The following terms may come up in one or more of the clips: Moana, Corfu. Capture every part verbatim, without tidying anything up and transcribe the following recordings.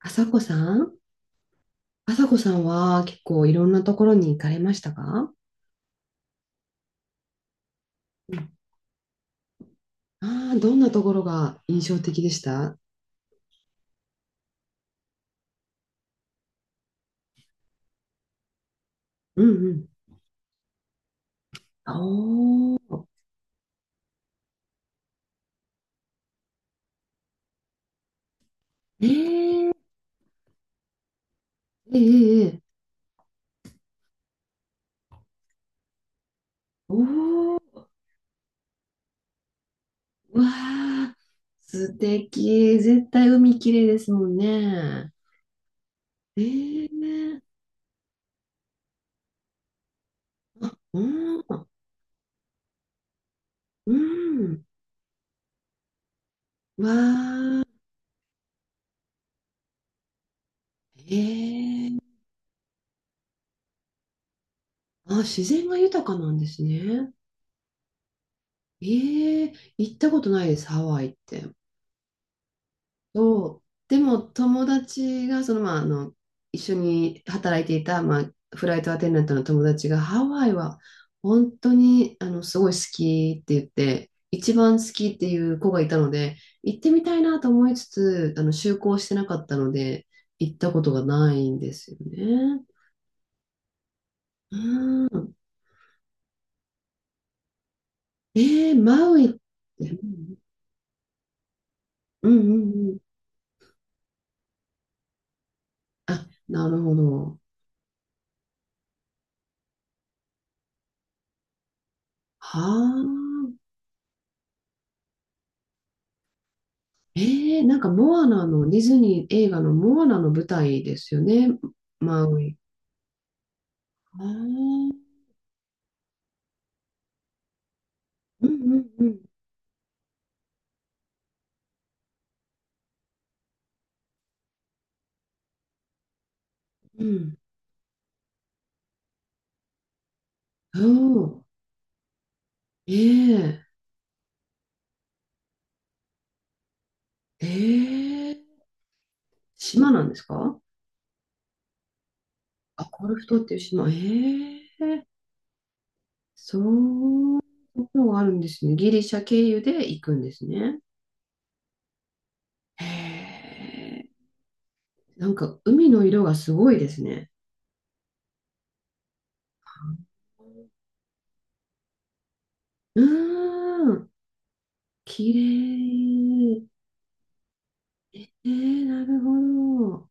あさこさんあさこさんは結構いろんなところに行かれましたか？うん。ああー、どんなところが印象的でした？うんうん。おー、えー、ええええ、おー、うわー、素敵。絶対海きれいですもんね。ええ、うん、うん、わー、ええ、あ、自然が豊かなんですね。ええ、行ったことないです、ハワイって。そう。でも友達がその、まあ、あの一緒に働いていた、まあ、フライトアテンダントの友達がハワイは本当にあのすごい好きって言って一番好きっていう子がいたので、行ってみたいなと思いつつあの就航してなかったので行ったことがないんですよね。うん。えー、マウイって。うんうんうん。あ、なるほど。はあ。ええ、なんかモアナの、ディズニー映画のモアナの舞台ですよね、マウイ。ああ、うんうんうんうん。おお、ええええ、島なんですか？あ、コルフ島っていう島。ええ、そういうがあるんですね。ギリシャ経由で行くんですね。へえ、なんか海の色がすごいですね。うーん、綺麗。えー、なるほど。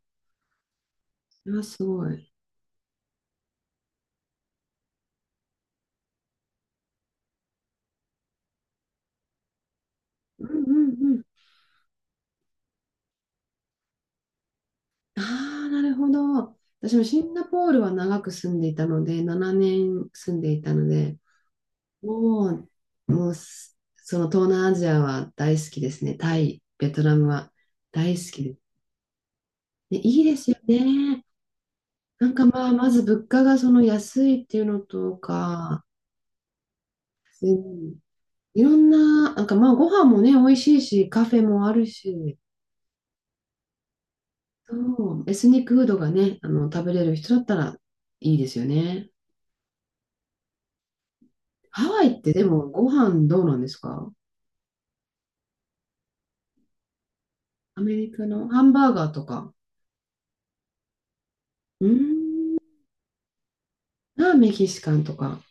それはすごい。うんうんうん。ああ、なるほど。私もシンガポールは長く住んでいたので、ななねん住んでいたので、もう、もうす、その東南アジアは大好きですね。タイ、ベトナムは大好きです。ね、いいですよね。なんかまあ、まず物価がその安いっていうのとか、うん、いろんな、なんかまあ、ご飯もね、美味しいし、カフェもあるし、そう、エスニックフードがね、あの、食べれる人だったらいいですよね。ハワイってでもご飯どうなんですか？アメリカのハンバーガーとか。うーん。あ、メキシカンとか。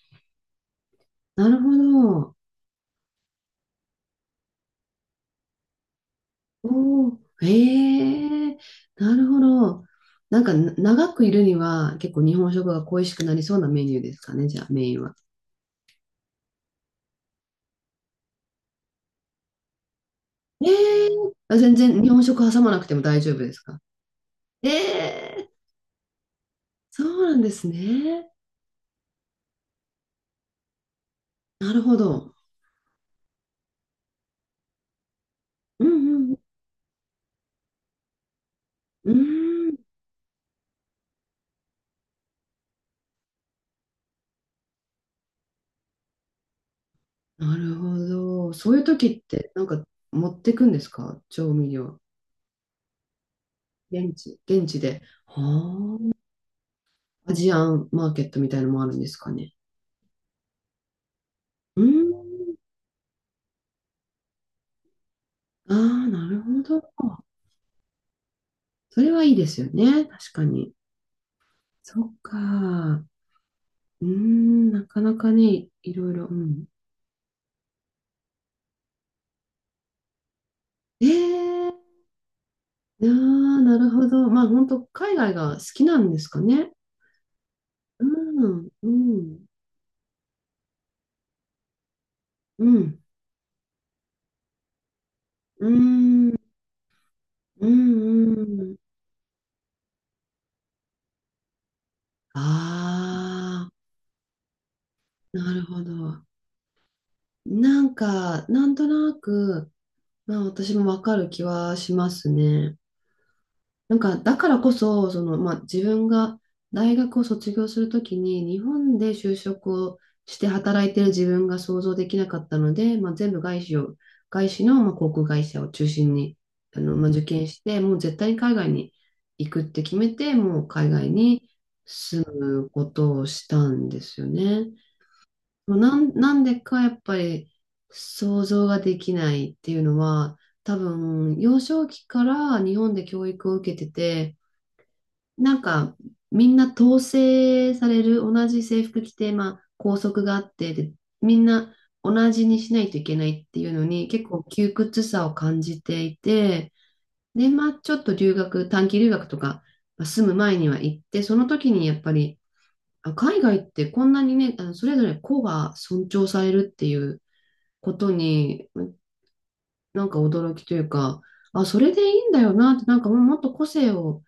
なるほど。おー。へえ。なるほど。なんかな、長くいるには結構日本食が恋しくなりそうなメニューですかね、じゃあメインは。ええ。あ、全然日本食挟まなくても大丈夫ですか？ええ。そうなんですね。なるほど。うんうん。うーん。なるほど。そういう時って、なんか持ってくんですか、調味料？現地、現地で。はあ。アジアンマーケットみたいのもあるんですかね？うん。ああ、なるほど。それはいいですよね。確かに。そっか。うーん、なかなかね、いろいろ。うん。ええー、ああ、なるほど。まあ、本当海外が好きなんですかね。うん、うん、うん、うん、うん、うん。ああ。なるほど。なんか、なんとなく、まあ私もわかる気はしますね。なんか、だからこそ、その、まあ自分が大学を卒業するときに、日本で就職をして働いてる自分が想像できなかったので、まあ全部外資を、外資の、まあ、航空会社を中心に、あの、まあ受験して、もう絶対に海外に行くって決めて、もう海外に住むことをしたんですよね。なん、なんでかやっぱり想像ができないっていうのは、多分幼少期から日本で教育を受けてて、なんかみんな統制される同じ制服着て、まあ、校則があってで、みんな同じにしないといけないっていうのに結構窮屈さを感じていて、でまあちょっと留学、短期留学とかまあ住む前には行って、その時にやっぱり、あ、海外ってこんなにね、あのそれぞれ個が尊重されるっていうことに、なんか驚きというか、あ、それでいいんだよなって、なんかもうもっと個性を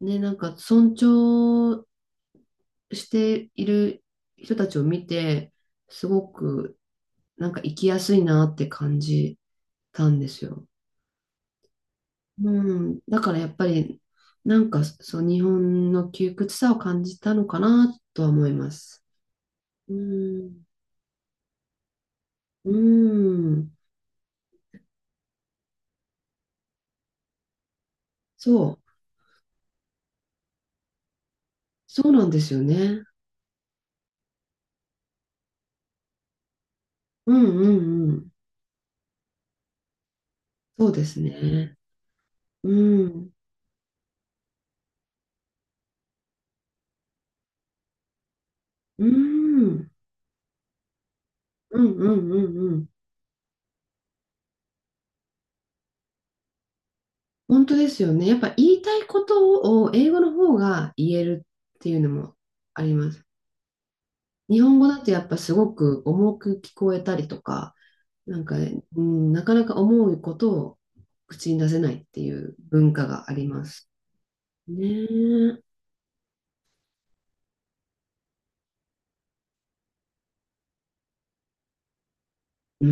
ね、なんか尊重している人たちを見て、すごくなんか生きやすいなって感じたんですよ。うん。だからやっぱり、なんかそう、日本の窮屈さを感じたのかなとは思います。うん。うん。そう。そうなんですよね。うんうんうん。そうですね。うん。うん。うんうんうんうん。本当ですよね。やっぱ言いたいことを英語の方が言えるっていうのもあります。日本語だとやっぱすごく重く聞こえたりとか、なんか、うん、なかなか思うことを口に出せないっていう文化があります。ねえ。うー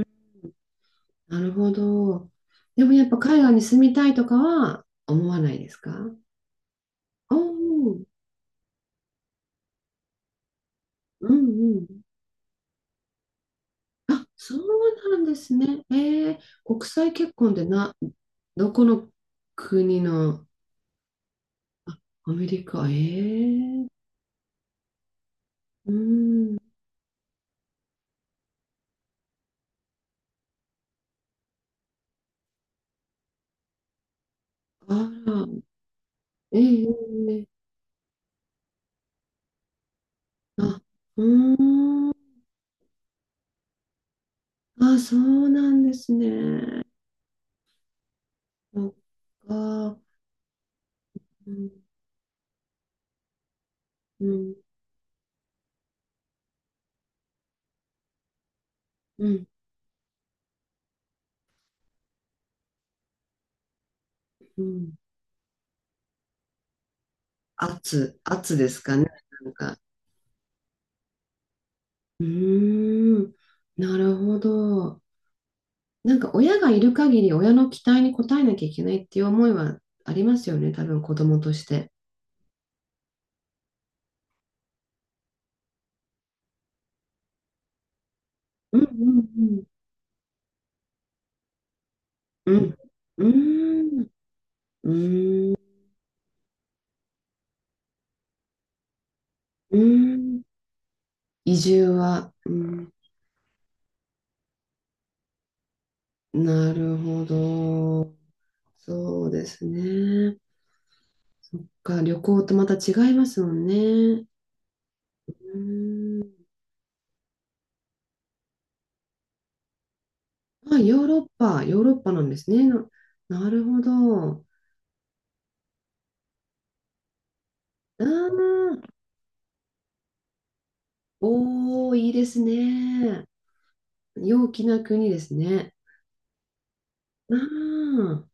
ん。なるほど。でもやっぱ海外に住みたいとかは思わないですか？ああ、うんうん。あ、そうなんですね。えー、国際結婚でな、どこの国の、あ、アメリカ、えー、うん、あら、えー、えー、あ、うーん、あ、そうなんですね。そっか、うん、うん、うん、うん。圧、圧ですかね。なんか、うーん、なるほど。なんか親がいる限り親の期待に応えなきゃいけないっていう思いはありますよね、多分子供として。うんうんうん。うん。うん。うん。移住は、うん。なるほど。そうですね。か、旅行とまた違いますもんね。うん。まあ、ヨーロッパ、ヨーロッパなんですね。な、なるほど。ああ、おー、いいですね。陽気な国ですね。ああ、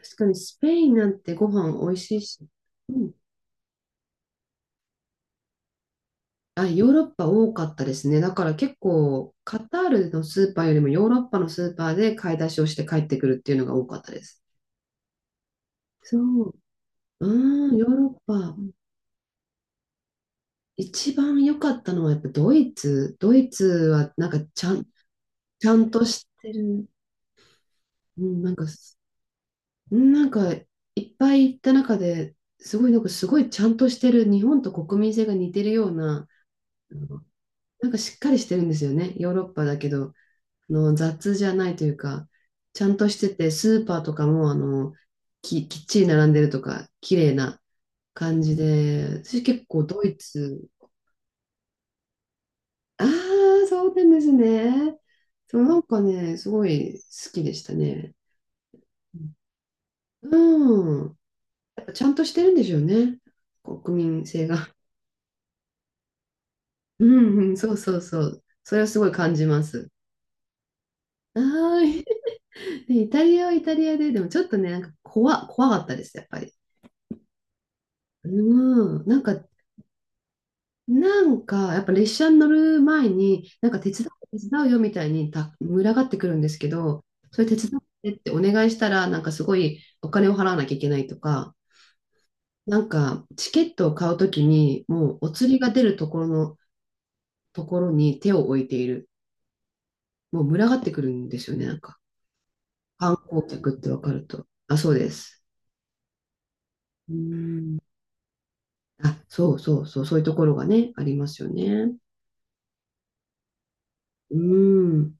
確かにスペインなんてご飯美味しいし、うん、あ、ヨーロッパ多かったですね。だから結構カタールのスーパーよりもヨーロッパのスーパーで買い出しをして帰ってくるっていうのが多かったです。そう。うん、ヨーロッパ。一番良かったのはやっぱドイツ。ドイツはなんかちゃん、ちゃんとしてる。うん、なんか、うん、なんかいっぱい行った中で、すごいなんかすごいちゃんとしてる、日本と国民性が似てるような、なんかしっかりしてるんですよね。ヨーロッパだけど、あの雑じゃないというか、ちゃんとしてて、スーパーとかもあのき、きっちり並んでるとか、綺麗な感じで、私結構ドイツ、ああ、そうなんですね。そう、なんかね、すごい好きでしたね。うん。やっぱちゃんとしてるんでしょうね。国民性が。うんうん、そうそうそう。それはすごい感じます。はーい。で、イタリアはイタリアで、でもちょっとね、なんか怖、怖かったです、やっぱり。うん、なんか、なんか、やっぱ列車に乗る前に、なんか手伝う、手伝うよみたいにた、群がってくるんですけど、それ手伝ってってお願いしたら、なんかすごいお金を払わなきゃいけないとか、なんかチケットを買うときに、もうお釣りが出るところの、ところに手を置いている。もう群がってくるんですよね、なんか。観光客ってわかると。あ、そうです。うん、あ、そうそうそう、そういうところがね、ありますよね。うん。